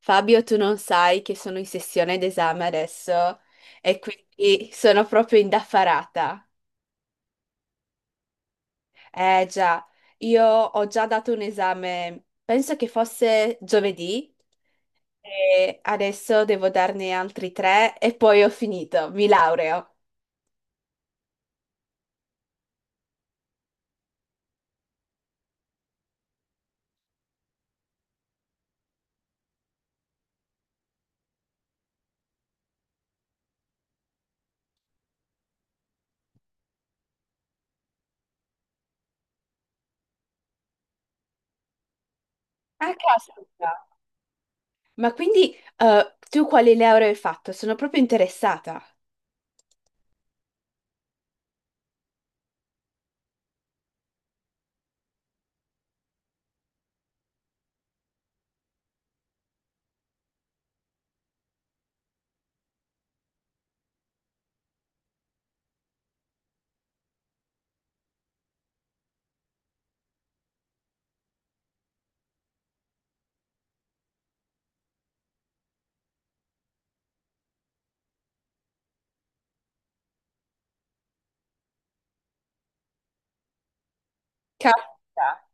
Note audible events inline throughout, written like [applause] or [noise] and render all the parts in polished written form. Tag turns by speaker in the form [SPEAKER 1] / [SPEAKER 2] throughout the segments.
[SPEAKER 1] Fabio, tu non sai che sono in sessione d'esame adesso e quindi sono proprio indaffarata. Eh già, io ho già dato un esame, penso che fosse giovedì e adesso devo darne altri tre e poi ho finito, mi laureo. Ah, caspita. Ma quindi tu quali lauree hai fatto? Sono proprio interessata. Caspita.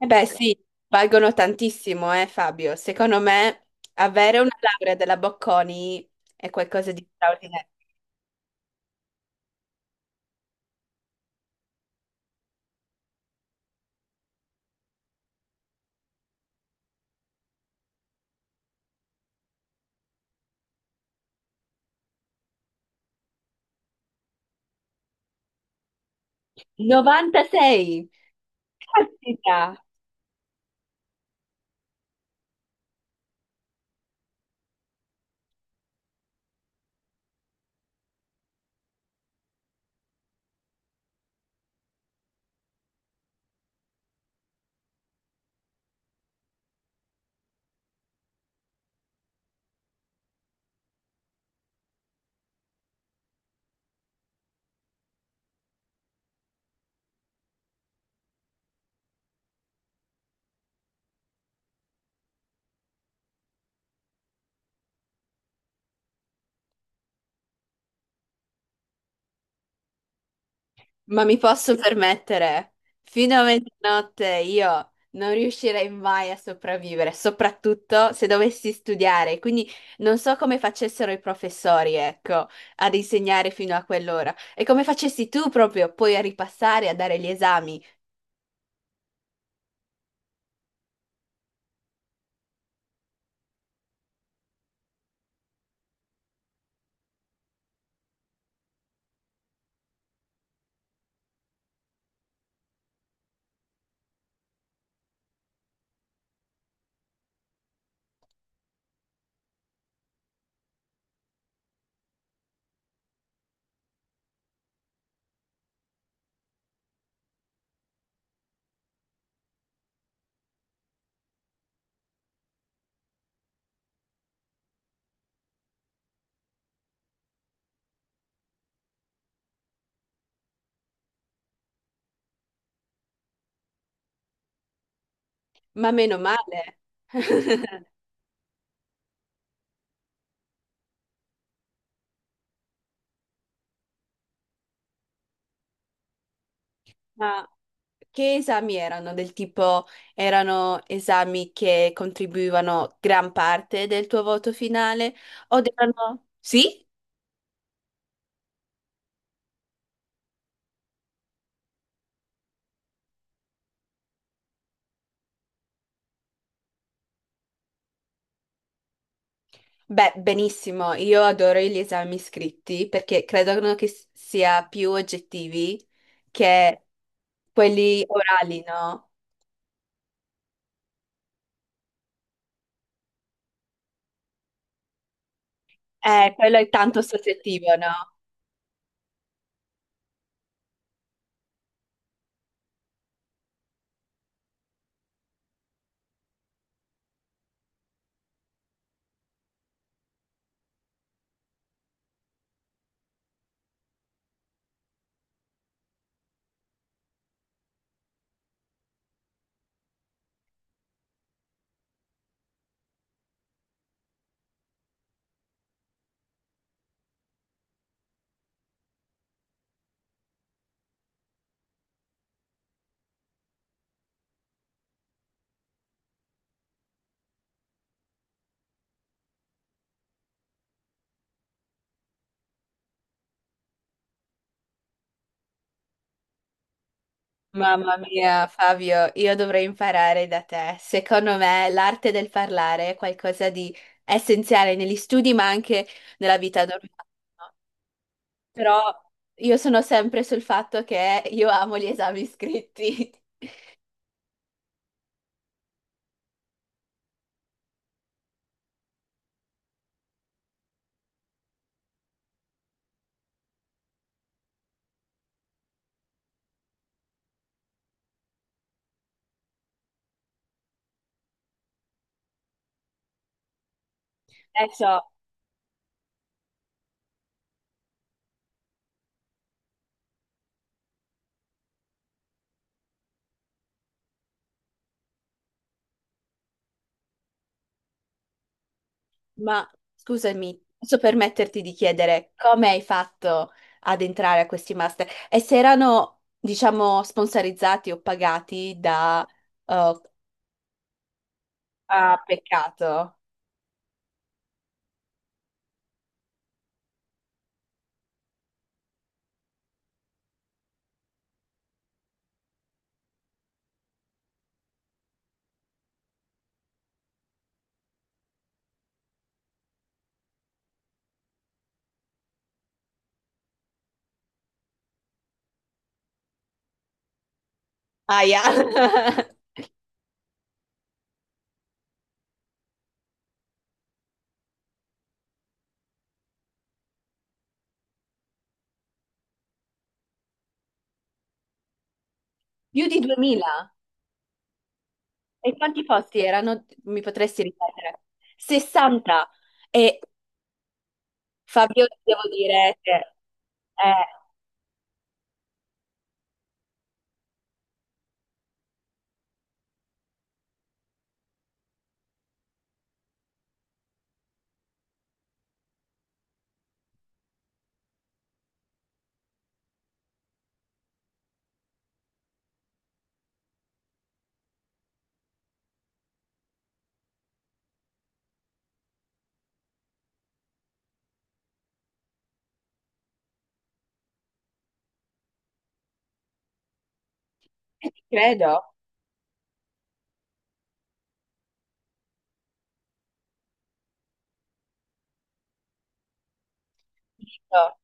[SPEAKER 1] Eh beh, sì, valgono tantissimo, Fabio. Secondo me avere una laurea della Bocconi è qualcosa di straordinario. 96! Caspita! Ma mi posso permettere, fino a mezzanotte io non riuscirei mai a sopravvivere, soprattutto se dovessi studiare. Quindi non so come facessero i professori, ecco, ad insegnare fino a quell'ora. E come facessi tu proprio poi a ripassare, a dare gli esami. Ma meno male. [laughs] Ma che esami erano? Del tipo, erano esami che contribuivano gran parte del tuo voto finale? O erano... Sì? Beh, benissimo, io adoro gli esami scritti perché credo che sia più oggettivi che quelli orali, no? Quello è tanto soggettivo, no? Mamma mia, Fabio, io dovrei imparare da te. Secondo me l'arte del parlare è qualcosa di essenziale negli studi, ma anche nella vita normale, no? Però io sono sempre sul fatto che io amo gli esami scritti. [laughs] Adesso, ma scusami, posso permetterti di chiedere come hai fatto ad entrare a questi master? E se erano, diciamo, sponsorizzati o pagati da... eh, ah, peccato. Aia. [laughs] Più di 2000? E quanti posti erano? Mi potresti ripetere? 60. E Fabio, devo dire che, eh, credo. Io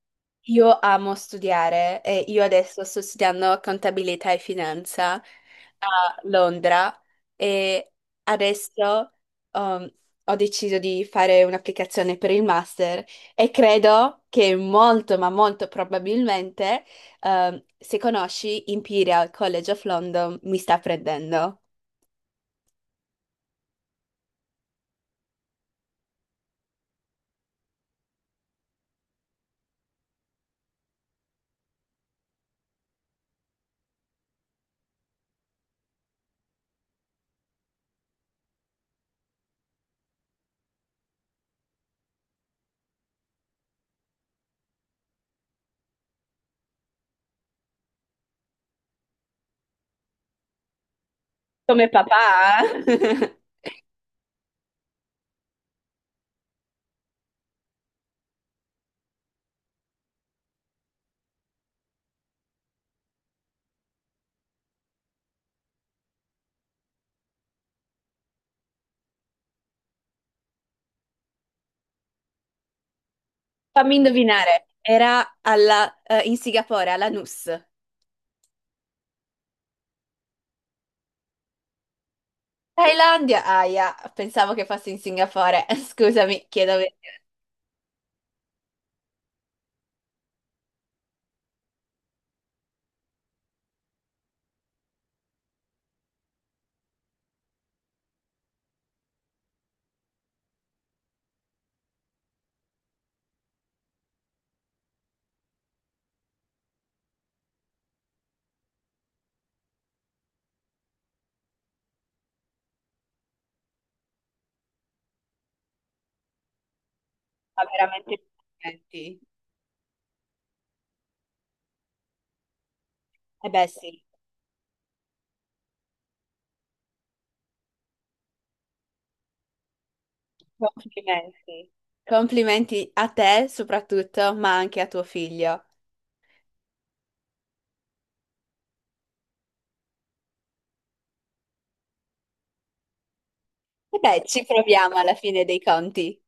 [SPEAKER 1] io amo studiare e io adesso sto studiando contabilità e finanza a Londra e adesso um, ho deciso di fare un'applicazione per il master e credo che molto, ma molto probabilmente, se conosci Imperial College of London, mi sta prendendo. Come papà? [laughs] Fammi indovinare, era alla, in Singapore, alla NUS. Thailandia, ahia, pensavo che fosse in Singapore. [laughs] Scusami, chiedo ver- Ma veramente complimenti. Eh beh, sì, complimenti. Complimenti a te soprattutto, ma anche a tuo figlio. E beh, ci proviamo alla fine dei conti.